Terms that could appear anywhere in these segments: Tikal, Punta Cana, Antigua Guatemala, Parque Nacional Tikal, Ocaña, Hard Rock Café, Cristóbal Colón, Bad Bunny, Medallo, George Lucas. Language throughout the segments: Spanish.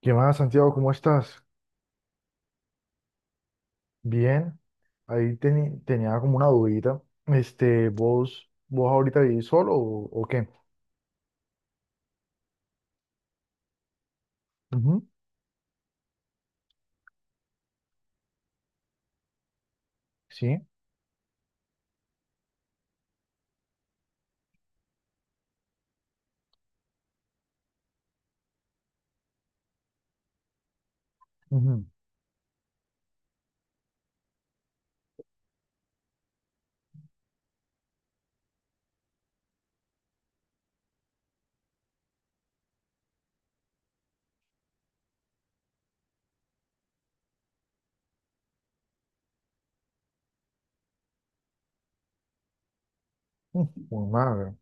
¿Qué más, Santiago? ¿Cómo estás? Bien, ahí tenía como una dudita. Este, ¿vos ahorita vivís solo o qué? Ujú. Sí. Ujú. Mm, por madre.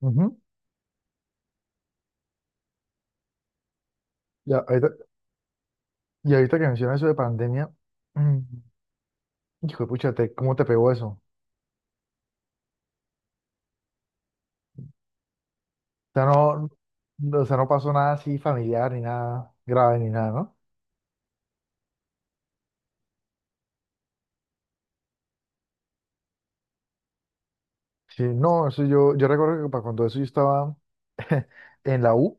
Ujú. Y, ahorita, y ahorita que mencionas eso de pandemia, mm, hijo de pucha, ¿cómo te pegó eso? O sea, no, o sea, no pasó nada así familiar ni nada grave ni nada, ¿no? Sí, no, eso yo recuerdo que para cuando eso yo estaba en la U,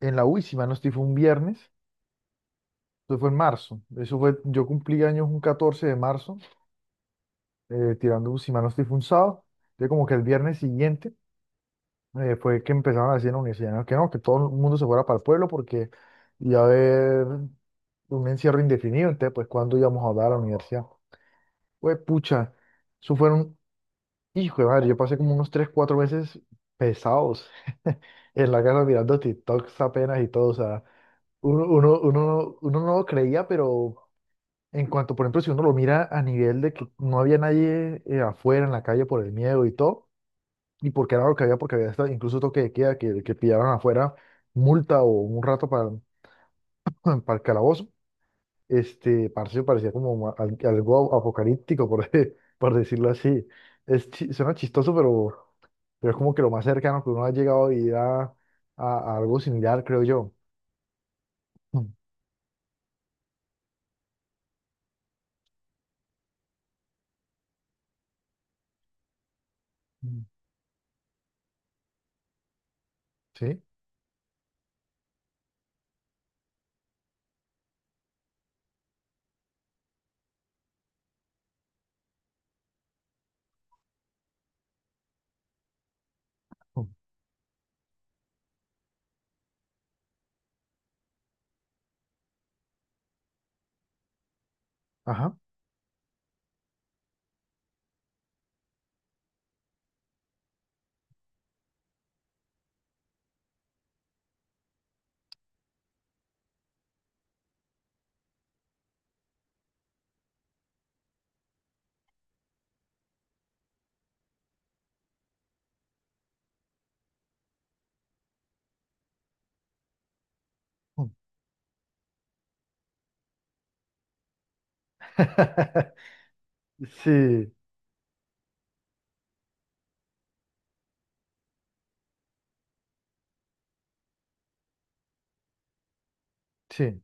y si mal no estoy, fue un viernes. Eso fue en marzo. Eso fue, yo cumplí años un 14 de marzo, tirando, si mal no estoy fue un sábado. Yo como que el viernes siguiente fue que empezaron a decir en la universidad, ¿no? Que no, que todo el mundo se fuera para el pueblo porque iba a haber un encierro indefinido. Entonces, pues, ¿cuándo íbamos a hablar a la universidad? Pues, pucha, eso fueron, hijo de madre, yo pasé como unos 3 4 meses pesados en la casa mirando TikToks apenas y todo. O sea, uno no lo creía. Pero en cuanto, por ejemplo, si uno lo mira a nivel de que no había nadie afuera en la calle por el miedo y todo, y porque era lo que había, porque había hasta incluso toque de queda, que pillaban afuera multa o un rato para, para el calabozo, este, parce, parecía como algo apocalíptico, por decirlo así. Es, suena chistoso, pero, es como que lo más cercano que uno ha llegado a vivir a algo similar, creo yo. Mm. Mm. ¿Sí? Mm. Ajá. Mm. Sí. Sí.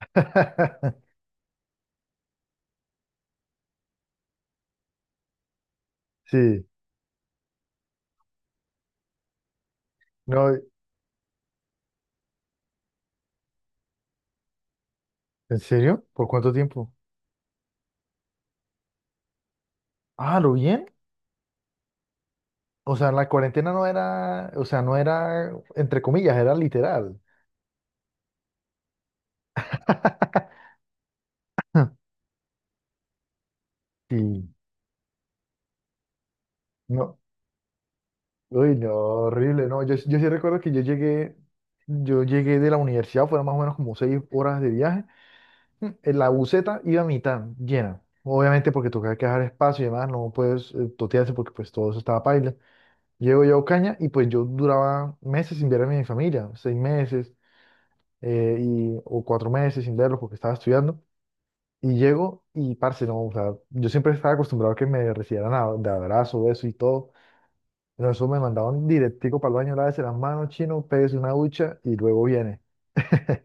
Sí, no, ¿en serio? ¿Por cuánto tiempo? Ah, ¿lo bien? O sea, la cuarentena no era, o sea, no era entre comillas, era literal. Sí, no, uy, no, horrible, no, yo sí recuerdo que yo llegué de la universidad, fueron más o menos como 6 horas de viaje, en la buseta iba a mitad, llena, obviamente porque tocaba que dejar espacio y demás, no puedes totearse porque pues todo eso estaba paila. Llego yo a Ocaña y pues yo duraba meses sin ver a mi familia, 6 meses y, o 4 meses sin verlos porque estaba estudiando. Y llego y, parce, no, o sea, yo siempre estaba acostumbrado a que me recibieran de abrazo, beso y todo. Pero eso me mandaban directico para el baño, lávese las manos, chino, pégase una ducha y luego viene.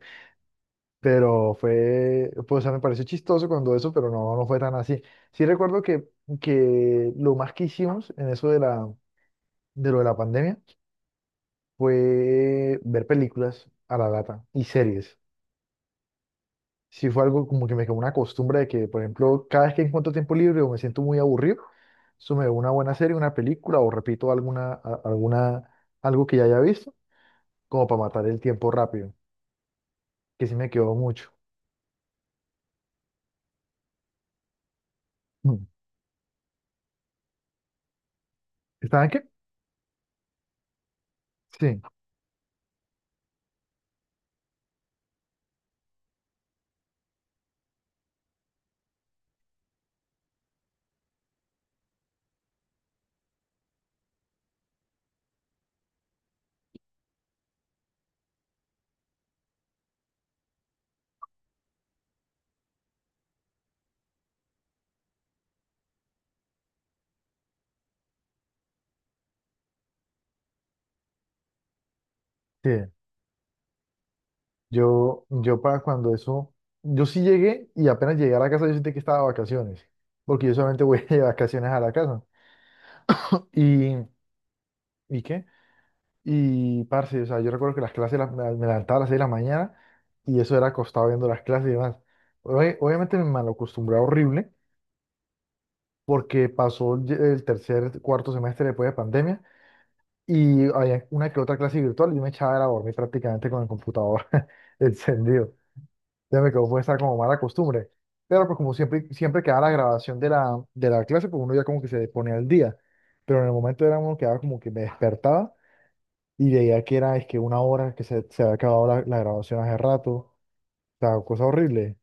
Pero fue, pues, o sea, me pareció chistoso cuando eso, pero no, no fue tan así. Sí recuerdo que, lo más que hicimos en eso de lo de la pandemia fue ver películas a la lata y series. Sí fue algo como que me quedó una costumbre de que, por ejemplo, cada vez que encuentro tiempo libre o me siento muy aburrido, eso me veo una buena serie, una película o repito alguna, alguna, algo que ya haya visto, como para matar el tiempo rápido, que sí me quedó mucho. Mm. ¿Estaban qué? Sí. Sí. Yo para cuando eso, yo sí llegué y apenas llegué a la casa yo sentí que estaba de vacaciones, porque yo solamente voy de vacaciones a la casa. ¿Y, y qué? Y, parce, o sea, yo recuerdo que las clases me levantaba a las 6 de la mañana y eso era acostado viendo las clases y demás. Obviamente me malacostumbré horrible porque pasó el tercer, cuarto semestre después de pandemia y había una que otra clase virtual y yo me echaba era a dormir prácticamente con el computador encendido. Ya me quedó fue esa como mala costumbre. Pero pues como siempre, siempre quedaba la grabación de la clase, pues uno ya como que se ponía al día. Pero en el momento era uno que quedaba como que me despertaba y veía que era, es que una hora que se había acabado la grabación hace rato, o sea, cosa horrible,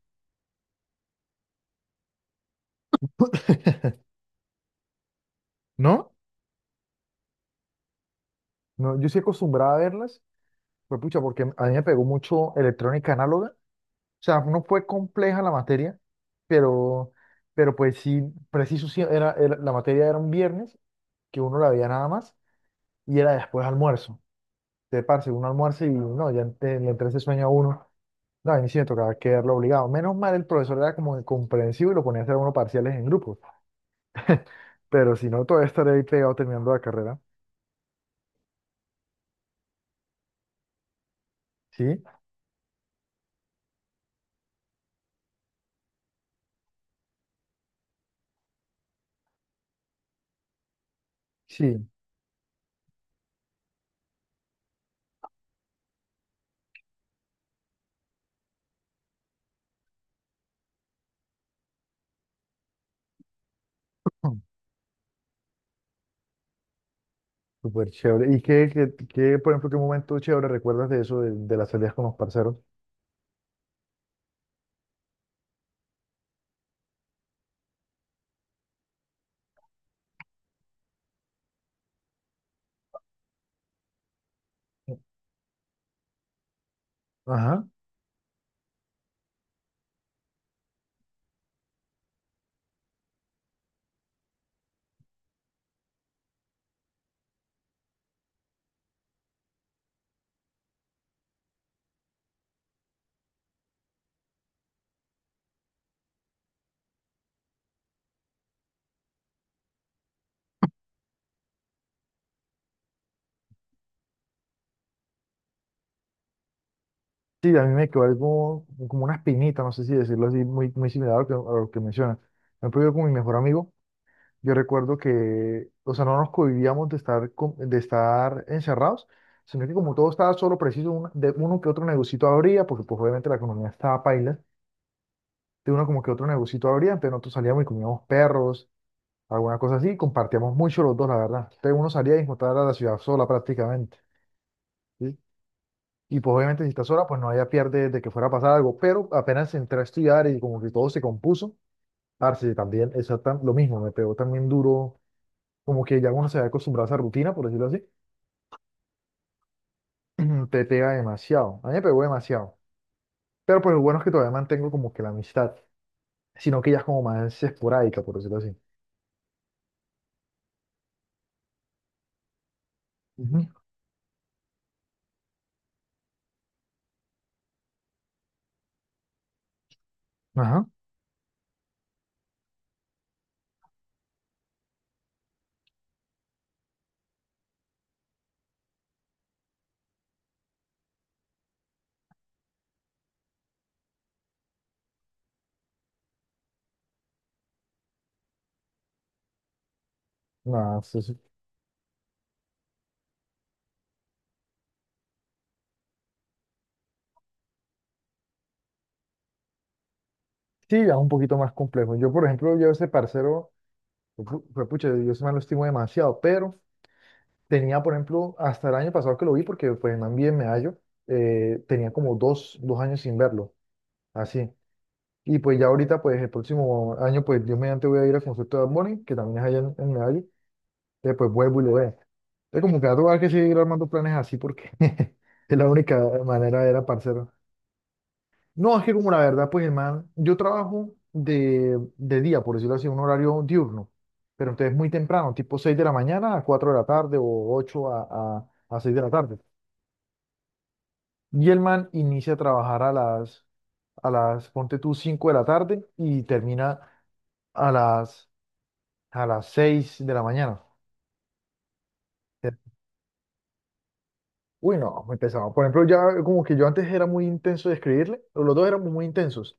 ¿no? No, yo sí acostumbraba a verlas, pues pucha, porque a mí me pegó mucho electrónica análoga, o sea, no fue compleja la materia, pero, pero, pues sí, preciso, sí, la materia era un viernes, que uno la veía nada más, y era después almuerzo, te parce, uno almuerzo y no, ya le entra ese sueño a uno, no, a mí sí me tocaba quedarlo obligado, menos mal el profesor era como comprensivo y lo ponía a hacer a uno parciales en grupo. Pero si no, todavía estaré ahí pegado terminando la carrera. ¿Sí? Sí. Mm. Súper chévere. ¿Y qué, por ejemplo, qué momento chévere recuerdas de eso, de, las salidas con los parceros? Ajá. Sí, a mí me quedó algo como una espinita, no sé si decirlo así, muy, muy similar a lo que mencionas. Por ejemplo, yo con mi mejor amigo, yo recuerdo que, o sea, no nos convivíamos de estar, de estar encerrados, sino que como todo estaba solo preciso, de uno que otro negocito abría, porque pues obviamente la economía estaba paila, de uno como que otro negocito abría, entonces nosotros salíamos y comíamos perros, alguna cosa así, y compartíamos mucho los dos, la verdad. Entonces uno salía y encontraba la ciudad sola prácticamente, ¿sí? Y pues obviamente si está sola, pues no había pierde de que fuera a pasar algo, pero apenas entré a estudiar y como que todo se compuso, parce, también exactamente lo mismo, me pegó también duro, como que ya uno se había acostumbrado a esa rutina, por decirlo así, te pega demasiado, a mí me pegó demasiado. Pero pues lo bueno es que todavía mantengo como que la amistad, sino que ya es como más esporádica, por decirlo así. Ujú. Ajá. Nada, sí, ya es un poquito más complejo. Yo, por ejemplo, yo ese parcero, yo fue pucha, yo ese man lo estimo demasiado, pero tenía, por ejemplo, hasta el año pasado que lo vi, porque pues el man vive en Medallo, tenía como dos años sin verlo, así. Y pues ya ahorita, pues el próximo año, pues Dios mediante voy a ir al concierto de Bad Bunny, que también es allá en, Medallo, entonces pues vuelvo y lo veo. Entonces como que va a tocar que seguir armando planes así, porque es la única manera era parcero. No, es que como la verdad, pues hermano, yo trabajo de, día, por decirlo así, un horario diurno, pero entonces muy temprano, tipo 6 de la mañana a 4 de la tarde o 8 a 6 de la tarde. Y el man inicia a trabajar a las, ponte tú, 5 de la tarde y termina a las, a las 6 de la mañana. Uy, no, empezamos. Por ejemplo, ya como que yo antes era muy intenso de escribirle, pero los dos éramos muy intensos,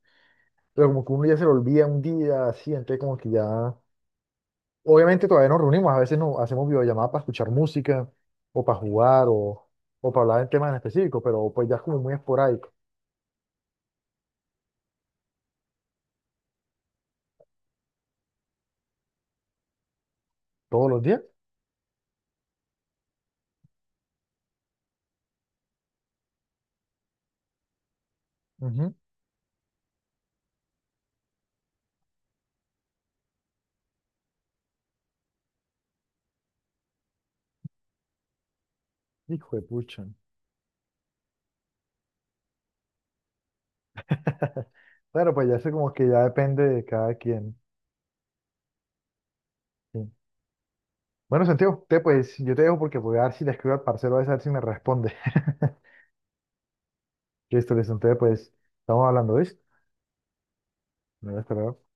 pero como que uno ya se lo olvida un día, así, entonces como que ya obviamente todavía nos reunimos, a veces nos hacemos videollamadas para escuchar música o para jugar o para hablar de temas en específico, pero pues ya es como muy esporádico. ¿Todos los días? Ujú. Hijo de pucha. Claro, pues ya sé como que ya depende de cada quien. Sí. Bueno, Santiago, te pues yo te dejo porque voy a ver si le escribo al parcero a ver si me responde. Listo, listo. Entonces, pues estamos hablando de esto. Me voy a esperar.